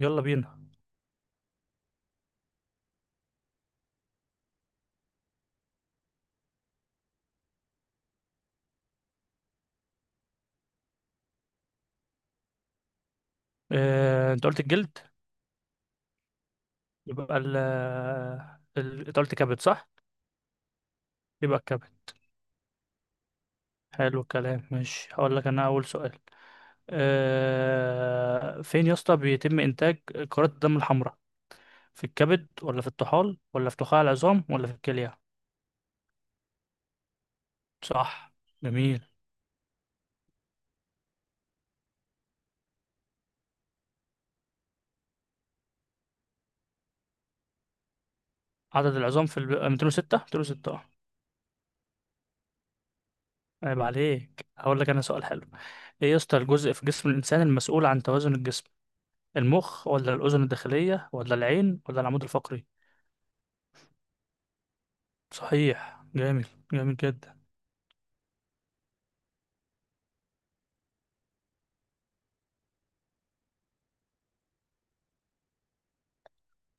يلا بينا. انت قلت الجلد. يبقى انت قلت كبد صح؟ يبقى الكبد. حلو الكلام، ماشي. هقول لك انا اول سؤال. فين يا اسطى بيتم انتاج كرات الدم الحمراء؟ في الكبد ولا في الطحال ولا في نخاع العظام ولا في الكلية؟ صح، جميل. عدد العظام في 206، 206 اه. عيب عليك. هقول لك انا سؤال حلو. ايه يا اسطى الجزء في جسم الانسان المسؤول عن توازن الجسم؟ المخ ولا الاذن الداخلية ولا العين ولا العمود الفقري؟ صحيح، جامد. جامد جدا.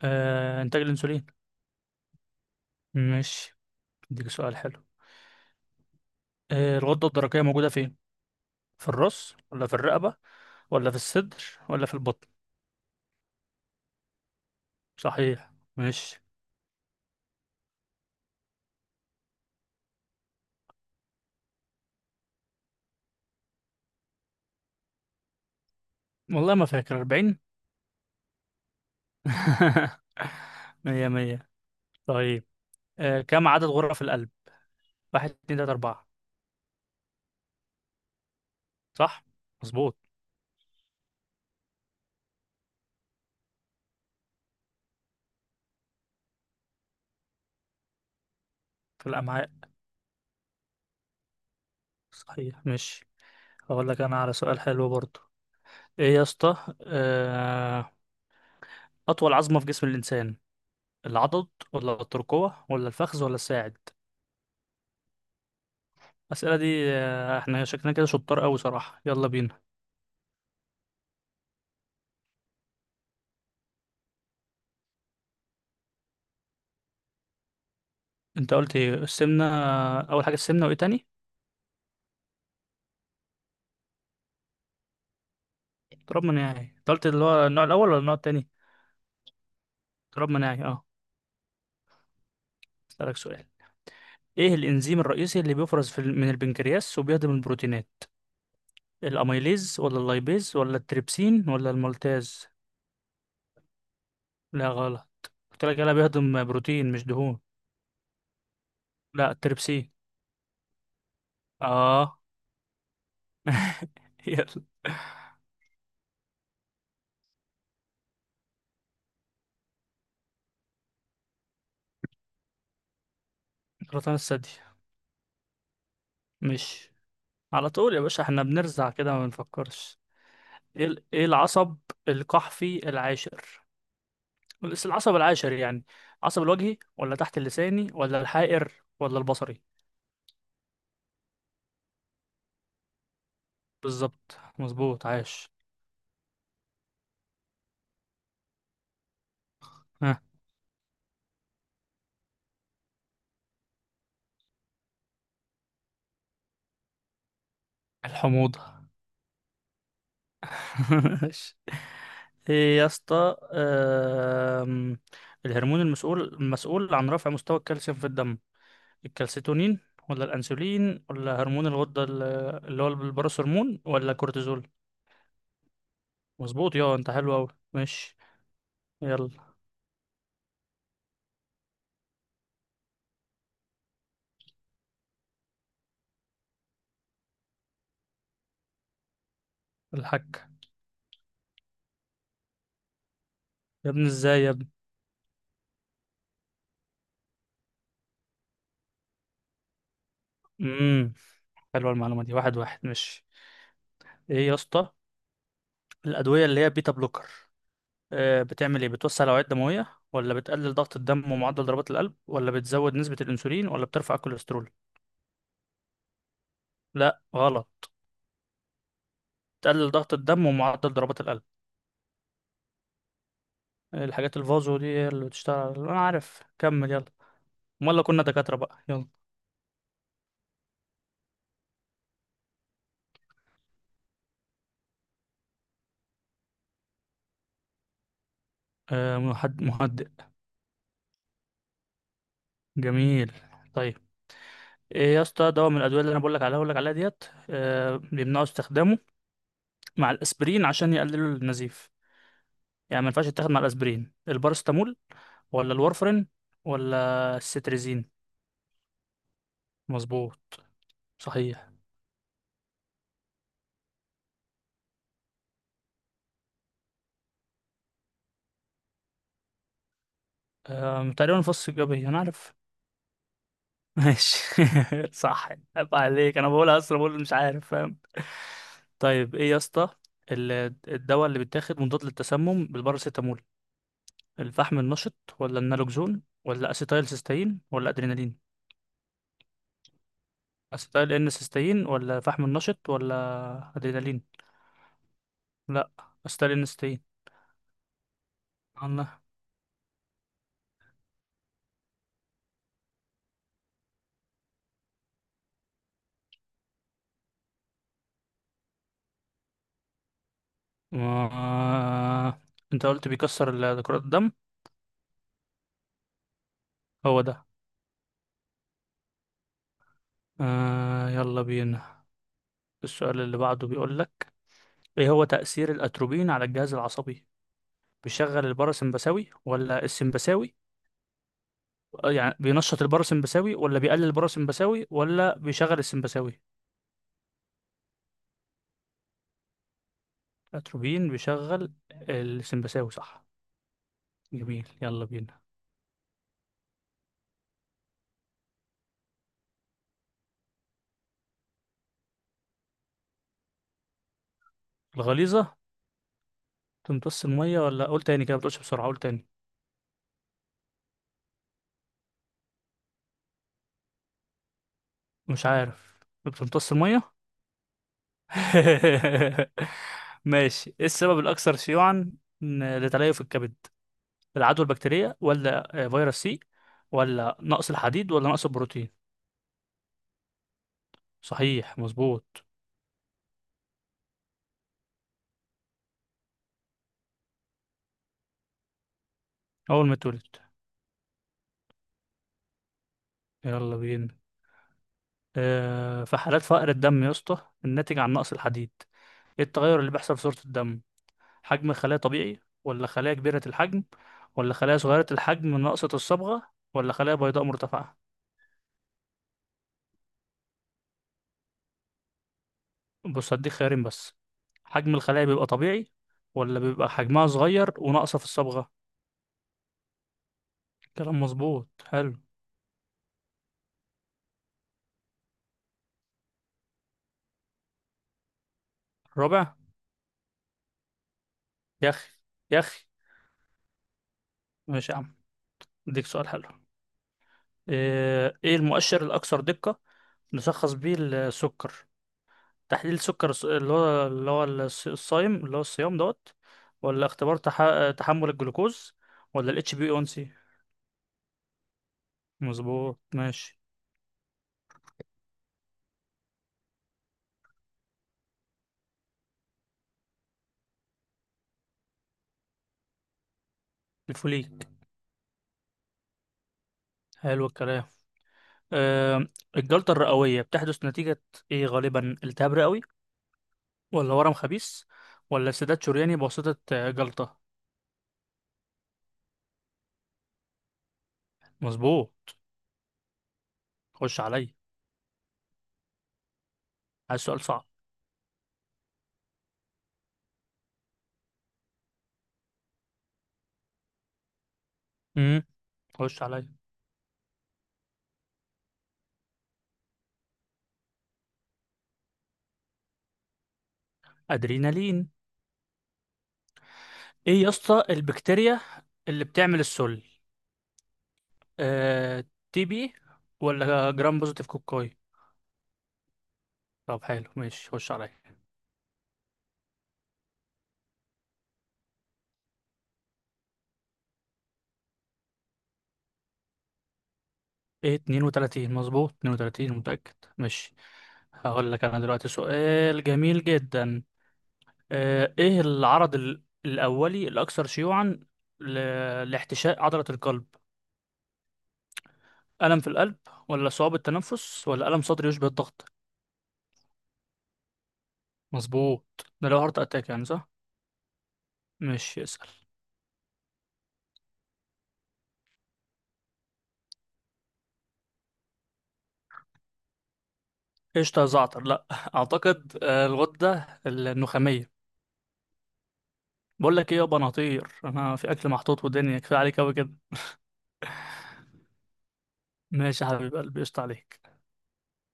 آه، انتاج الانسولين. ماشي، اديك سؤال حلو. آه الغدة الدرقية موجودة فين؟ في الراس ولا في الرقبة ولا في الصدر ولا في البطن؟ صحيح ماشي. والله ما فاكر، 40. مية مية. طيب، آه كم عدد غرف القلب؟ واحد، اتنين، تلاتة، أربعة. صح مظبوط. في الأمعاء. صحيح ماشي. هقول لك أنا على سؤال حلو برضو. إيه يا اسطى، أطول عظمة في جسم الإنسان؟ العضد ولا الترقوة ولا الفخذ ولا الساعد؟ الأسئلة دي، احنا شكلنا كده شطار قوي صراحة. يلا بينا. انت قلت ايه، السمنة؟ أول حاجة السمنة، وايه تاني؟ اضطراب مناعي. انت قلت اللي هو النوع الأول ولا النوع التاني؟ اضطراب مناعي اه. أسألك سؤال. ايه الإنزيم الرئيسي اللي بيفرز في من البنكرياس وبيهضم البروتينات؟ الأميليز ولا اللايبيز ولا التريبسين ولا المالتاز؟ لا، غلط. قلت لك يلا بيهضم بروتين مش دهون. لا، التريبسين. اه. يلا. سرطان الثدي. ماشي. على طول يا باشا احنا بنرزع كده ما بنفكرش. ايه العصب القحفي العاشر؟ بس العصب العاشر يعني. عصب الوجهي ولا تحت اللساني ولا الحائر ولا البصري؟ بالظبط، مظبوط، عاش. ها. الحموضة. عاش. ايه يا اسطى، الهرمون المسؤول عن رفع مستوى الكالسيوم في الدم؟ الكالسيتونين ولا الانسولين ولا هرمون الغدة اللي هو البروس هرمون ولا كورتيزول؟ مظبوط يا انت، حلو اوي ماشي. يلا. الحك. يا ابني ازاي يا ابني. امم حلوه المعلومه دي، واحد واحد ماشي. ايه يا اسطى الادويه اللي هي بيتا بلوكر آه بتعمل ايه؟ بتوسع الاوعيه الدمويه ولا بتقلل ضغط الدم ومعدل ضربات القلب ولا بتزود نسبه الانسولين ولا بترفع الكوليسترول؟ لا، غلط. بتقلل ضغط الدم ومعدل ضربات القلب. الحاجات الفازو دي هي اللي بتشتغل انا عارف، كمل يلا. امال لو كنا دكاتره بقى، يلا. مهدئ. جميل، طيب. ايه يا اسطى دواء من الادويه اللي انا بقول لك عليها ديت بيمنعوا استخدامه مع الاسبرين عشان يقللوا النزيف؟ يعني ما ينفعش يتاخد مع الاسبرين. البارستامول ولا الورفرين ولا السيتريزين؟ مظبوط، صحيح. تقريبا الفص الجبهي انا عارف. ماشي. صح. عيب عليك، انا بقولها اصلا، بقول مش عارف فاهم. طيب ايه يا اسطى، ال- الدواء اللي بيتاخد مضاد للتسمم بالباراسيتامول؟ الفحم النشط ولا النالوكزون ولا اسيتايل سيستين ولا ادرينالين؟ اسيتايل ان سيستين ولا فحم النشط ولا ادرينالين؟ لا، اسيتايل ان سيستين. الله. ما... انت قلت كرات الدم. هو ده. آه يلا بينا. السؤال اللي بعده بيقول لك، ايه هو تأثير الأتروبين على الجهاز العصبي؟ بيشغل الباراسمبثاوي ولا السمبثاوي؟ يعني بينشط الباراسمبثاوي ولا بيقلل الباراسمبثاوي ولا بيشغل السمبثاوي؟ الأتروبين بيشغل السمبثاوي، صح. جميل يلا بينا. الغليظة. بتمتص المية ولا قول تاني كده، بتقولش بسرعة، قول تاني. مش عارف. بتمتص المية. ماشي. ايه السبب الاكثر شيوعا لتليف الكبد؟ العدوى البكتيرية ولا فيروس سي ولا نقص الحديد ولا نقص البروتين؟ صحيح، مظبوط. اول ما اتولد. يلا بينا. في حالات فقر الدم يا اسطى الناتج عن نقص الحديد ايه التغير اللي بيحصل في صورة الدم؟ حجم الخلايا طبيعي ولا خلايا كبيرة الحجم ولا خلايا صغيرة الحجم ناقصة الصبغة ولا خلايا بيضاء مرتفعة؟ بص هديك خيارين بس. حجم الخلايا بيبقى طبيعي ولا بيبقى حجمها صغير وناقصة في الصبغة؟ كلام مظبوط، حلو. الرابع. يا أخي، يا أخي. ماشي يا عم. اديك سؤال حلو. إيه المؤشر الأكثر دقة نشخص بيه السكر؟ تحليل السكر الصايم اللي هو الصيام دوت ولا تحمل الجلوكوز ولا الاتش بي 1 سي؟ مظبوط ماشي. الفوليك. حلو الكلام. آه، الجلطة الرئوية بتحدث نتيجة إيه غالبا؟ التهاب رئوي ولا ورم خبيث ولا سداد شرياني بواسطة جلطة؟ مظبوط. خش عليا. عايز سؤال صعب. امم خش عليا. أدرينالين. إيه يا اسطى البكتيريا اللي بتعمل السل؟ آه، تي بي ولا جرام بوزيتيف كوكاي؟ طب حلو ماشي، خش عليا. إيه، 32 مظبوط، 32 متأكد. ماشي. هقول لك أنا دلوقتي سؤال جميل جدا. ايه العرض الاولي الاكثر شيوعا لاحتشاء عضلة القلب؟ الم في القلب ولا صعوبة التنفس ولا الم صدري يشبه الضغط؟ مظبوط، ده لو هارت اتاك يعني صح. مش يسأل. قشطة يا زعتر، لا. اعتقد الغدة النخامية. بقول لك ايه يابا، انا هطير، انا في اكل محطوط ودنيا، كفايه عليك قوي كده. ماشي يا حبيب قلبي، قشطة عليك.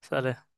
سلام.